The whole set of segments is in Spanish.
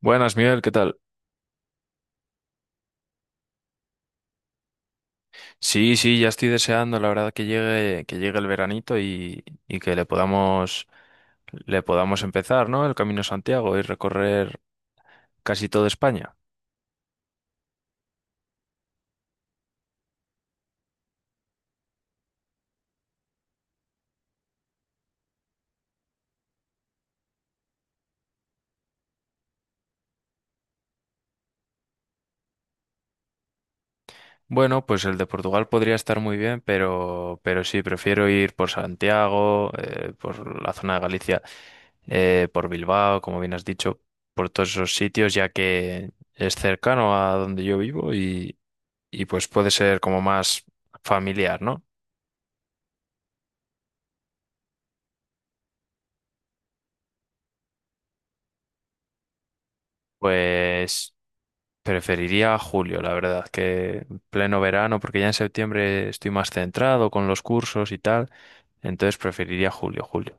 Buenas, Miguel, ¿qué tal? Sí, sí, ya estoy deseando, la verdad, que llegue el veranito y que le podamos empezar, ¿no? El Camino a Santiago y recorrer casi toda España. Bueno, pues el de Portugal podría estar muy bien, pero sí, prefiero ir por Santiago, por la zona de Galicia, por Bilbao, como bien has dicho, por todos esos sitios, ya que es cercano a donde yo vivo y pues puede ser como más familiar, ¿no? Pues preferiría julio, la verdad, que pleno verano, porque ya en septiembre estoy más centrado con los cursos y tal, entonces preferiría julio, julio.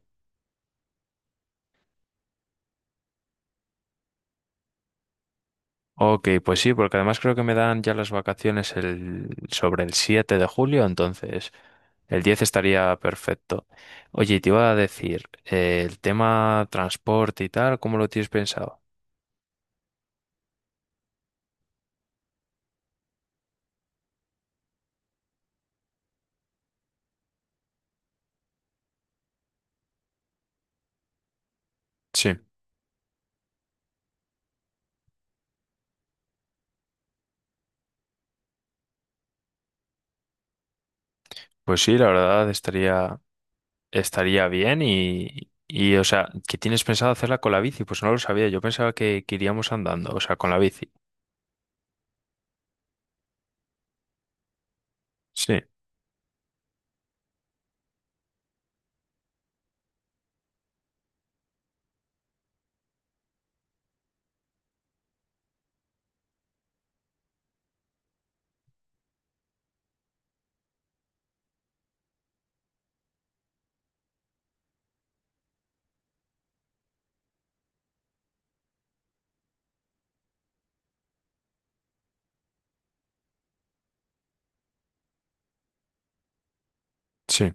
Ok, pues sí, porque además creo que me dan ya las vacaciones el, sobre el 7 de julio, entonces el 10 estaría perfecto. Oye, y te iba a decir, el tema transporte y tal, ¿cómo lo tienes pensado? Sí, pues sí, la verdad estaría. Estaría bien y, o sea, ¿que tienes pensado hacerla con la bici? Pues no lo sabía, yo pensaba que iríamos andando, o sea, con la bici. Sí, sí.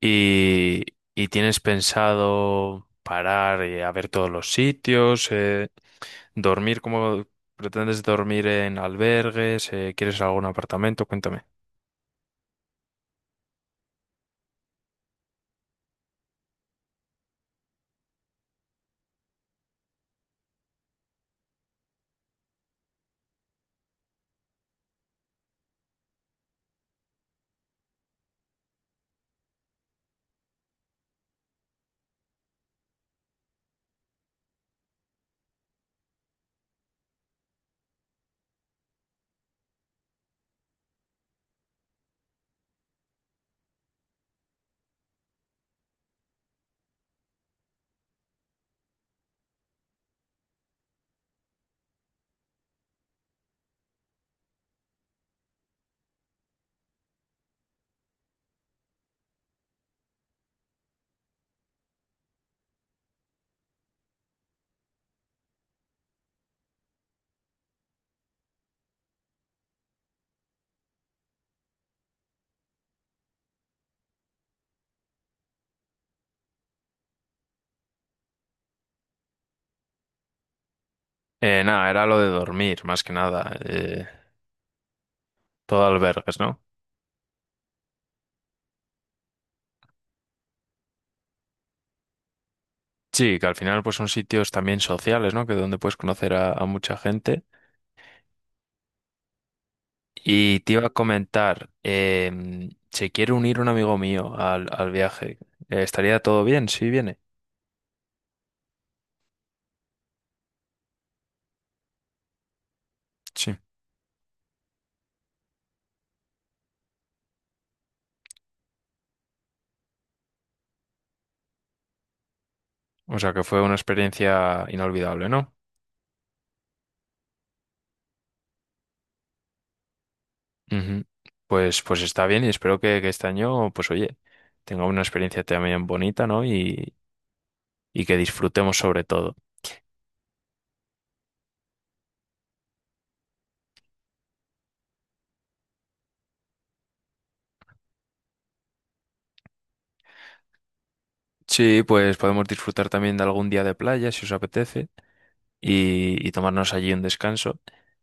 Y, ¿y tienes pensado parar a ver todos los sitios? ¿Dormir cómo pretendes dormir en albergues? ¿Quieres algún apartamento? Cuéntame. Nada, era lo de dormir, más que nada. Todo albergues, ¿no? Sí, que al final pues son sitios también sociales, ¿no? Que donde puedes conocer a mucha gente. Y te iba a comentar, se quiere unir un amigo mío al, al viaje. ¿Estaría todo bien si viene? Sí. O sea que fue una experiencia inolvidable, ¿no? Ujú. Pues, pues está bien y espero que este año, pues oye, tenga una experiencia también bonita, ¿no? Y que disfrutemos sobre todo. Sí, pues podemos disfrutar también de algún día de playa si os apetece, y tomarnos allí un descanso.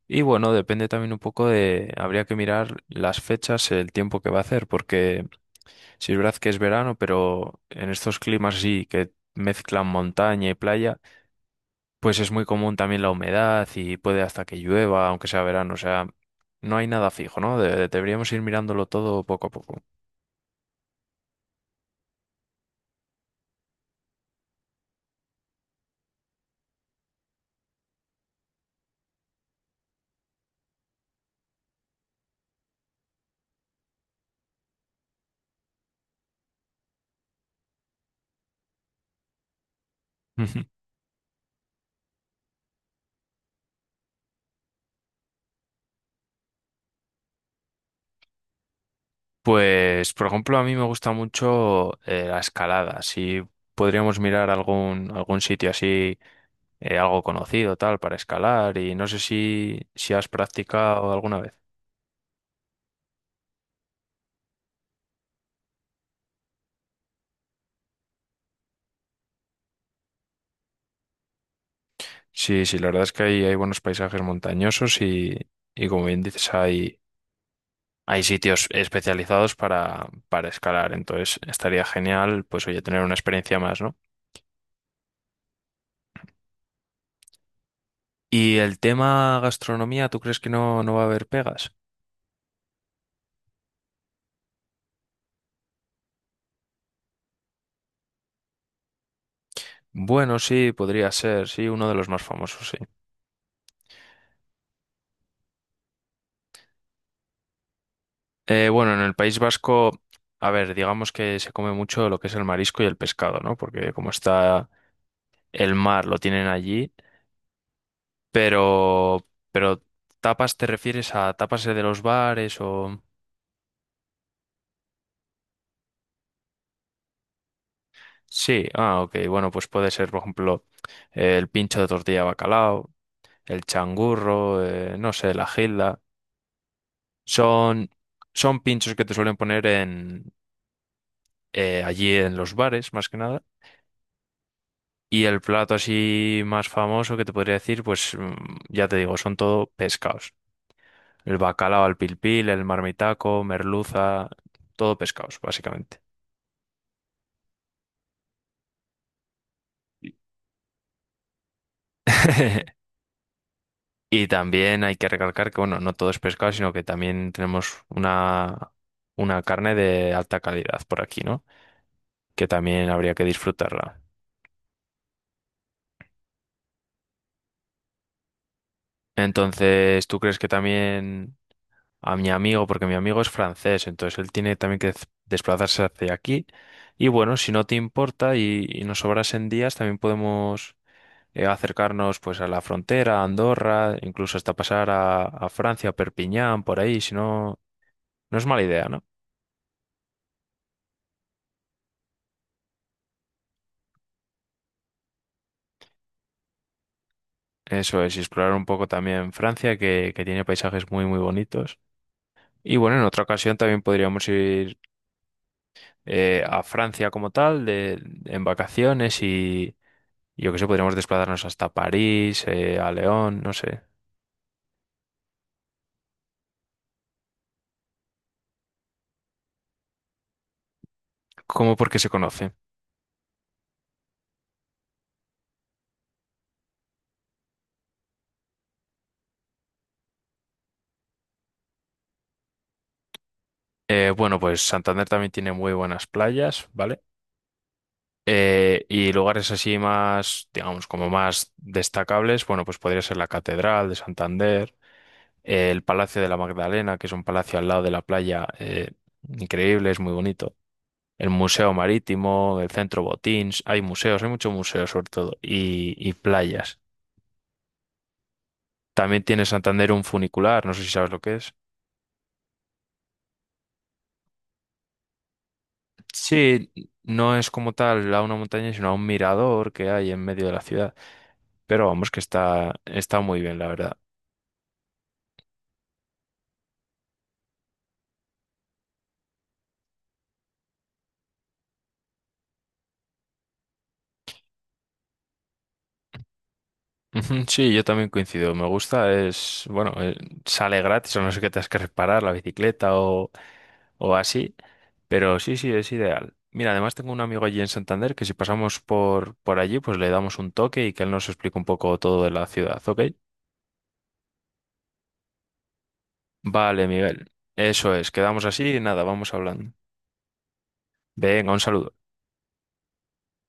Y bueno, depende también un poco de, habría que mirar las fechas, el tiempo que va a hacer, porque si es verdad que es verano, pero en estos climas sí que mezclan montaña y playa, pues es muy común también la humedad y puede hasta que llueva, aunque sea verano, o sea, no hay nada fijo, ¿no? De- deberíamos ir mirándolo todo poco a poco. Ujú. Pues, por ejemplo, a mí me gusta mucho la escalada. Si podríamos mirar algún sitio así algo conocido, tal, para escalar y no sé si has practicado alguna vez. Sí, sí, la verdad es que hay buenos paisajes montañosos y como bien dices, hay sitios especializados para escalar, entonces estaría genial, pues oye, tener una experiencia más, ¿no? Y el tema gastronomía, ¿tú crees que no, no va a haber pegas? Bueno, sí, podría ser, sí, uno de los más famosos, sí. Bueno, en el País Vasco, a ver, digamos que se come mucho lo que es el marisco y el pescado, ¿no? Porque como está el mar lo tienen allí, pero, pero tapas te refieres a tapas de los bares o... Sí, ah, ok, bueno, pues puede ser, por ejemplo, el pincho de tortilla de bacalao, el changurro, no sé, la gilda. Son, son pinchos que te suelen poner en, allí en los bares, más que nada. Y el plato así más famoso que te podría decir, pues mm, ya te digo, son todo pescados. El bacalao al pilpil, el marmitaco, merluza, todo pescados, básicamente. Y y también hay que recalcar que, bueno, no todo es pescado, sino que también tenemos una carne de alta calidad por aquí, ¿no? Que también habría que disfrutarla. Entonces, ¿tú crees que también a mi amigo, porque mi amigo es francés, entonces él tiene también que dez- desplazarse hacia aquí? Y bueno, si no te importa y nos sobrasen días, también podemos acercarnos pues a la frontera, a Andorra, incluso hasta pasar a Francia, a Perpiñán, por ahí, si no, no es mala idea, ¿no? Eso es, y explorar un poco también Francia, que tiene paisajes muy, muy bonitos. Y bueno, en otra ocasión también podríamos ir a Francia como tal, de, en vacaciones y yo qué sé, podríamos desplazarnos hasta París, a León, no sé. ¿Cómo porque se conoce? Bueno, pues Santander también tiene muy buenas playas, ¿vale? Y lugares así más, digamos, como más destacables, bueno, pues podría ser la Catedral de Santander. El Palacio de la Magdalena, que es un palacio al lado de la playa, increíble, es muy bonito. El Museo Marítimo, el Centro Botins, hay museos, hay muchos museos sobre todo, y playas. También tiene Santander un funicular, no sé si sabes lo que es. Sí, no es como tal a una montaña, sino a un mirador que hay en medio de la ciudad. Pero vamos, que está, está muy bien, la verdad. Ujú, sí, yo también coincido. Me gusta, es, bueno, sale gratis o no sé qué te has que reparar, la bicicleta o así, pero sí, sí, es ideal. Mira, además tengo un amigo allí en Santander que si pasamos por allí, pues le damos un toque y que él nos explique un poco todo de la ciudad, ¿ok? Vale, Miguel. Eso es, quedamos así y nada, vamos hablando. Venga, un saludo.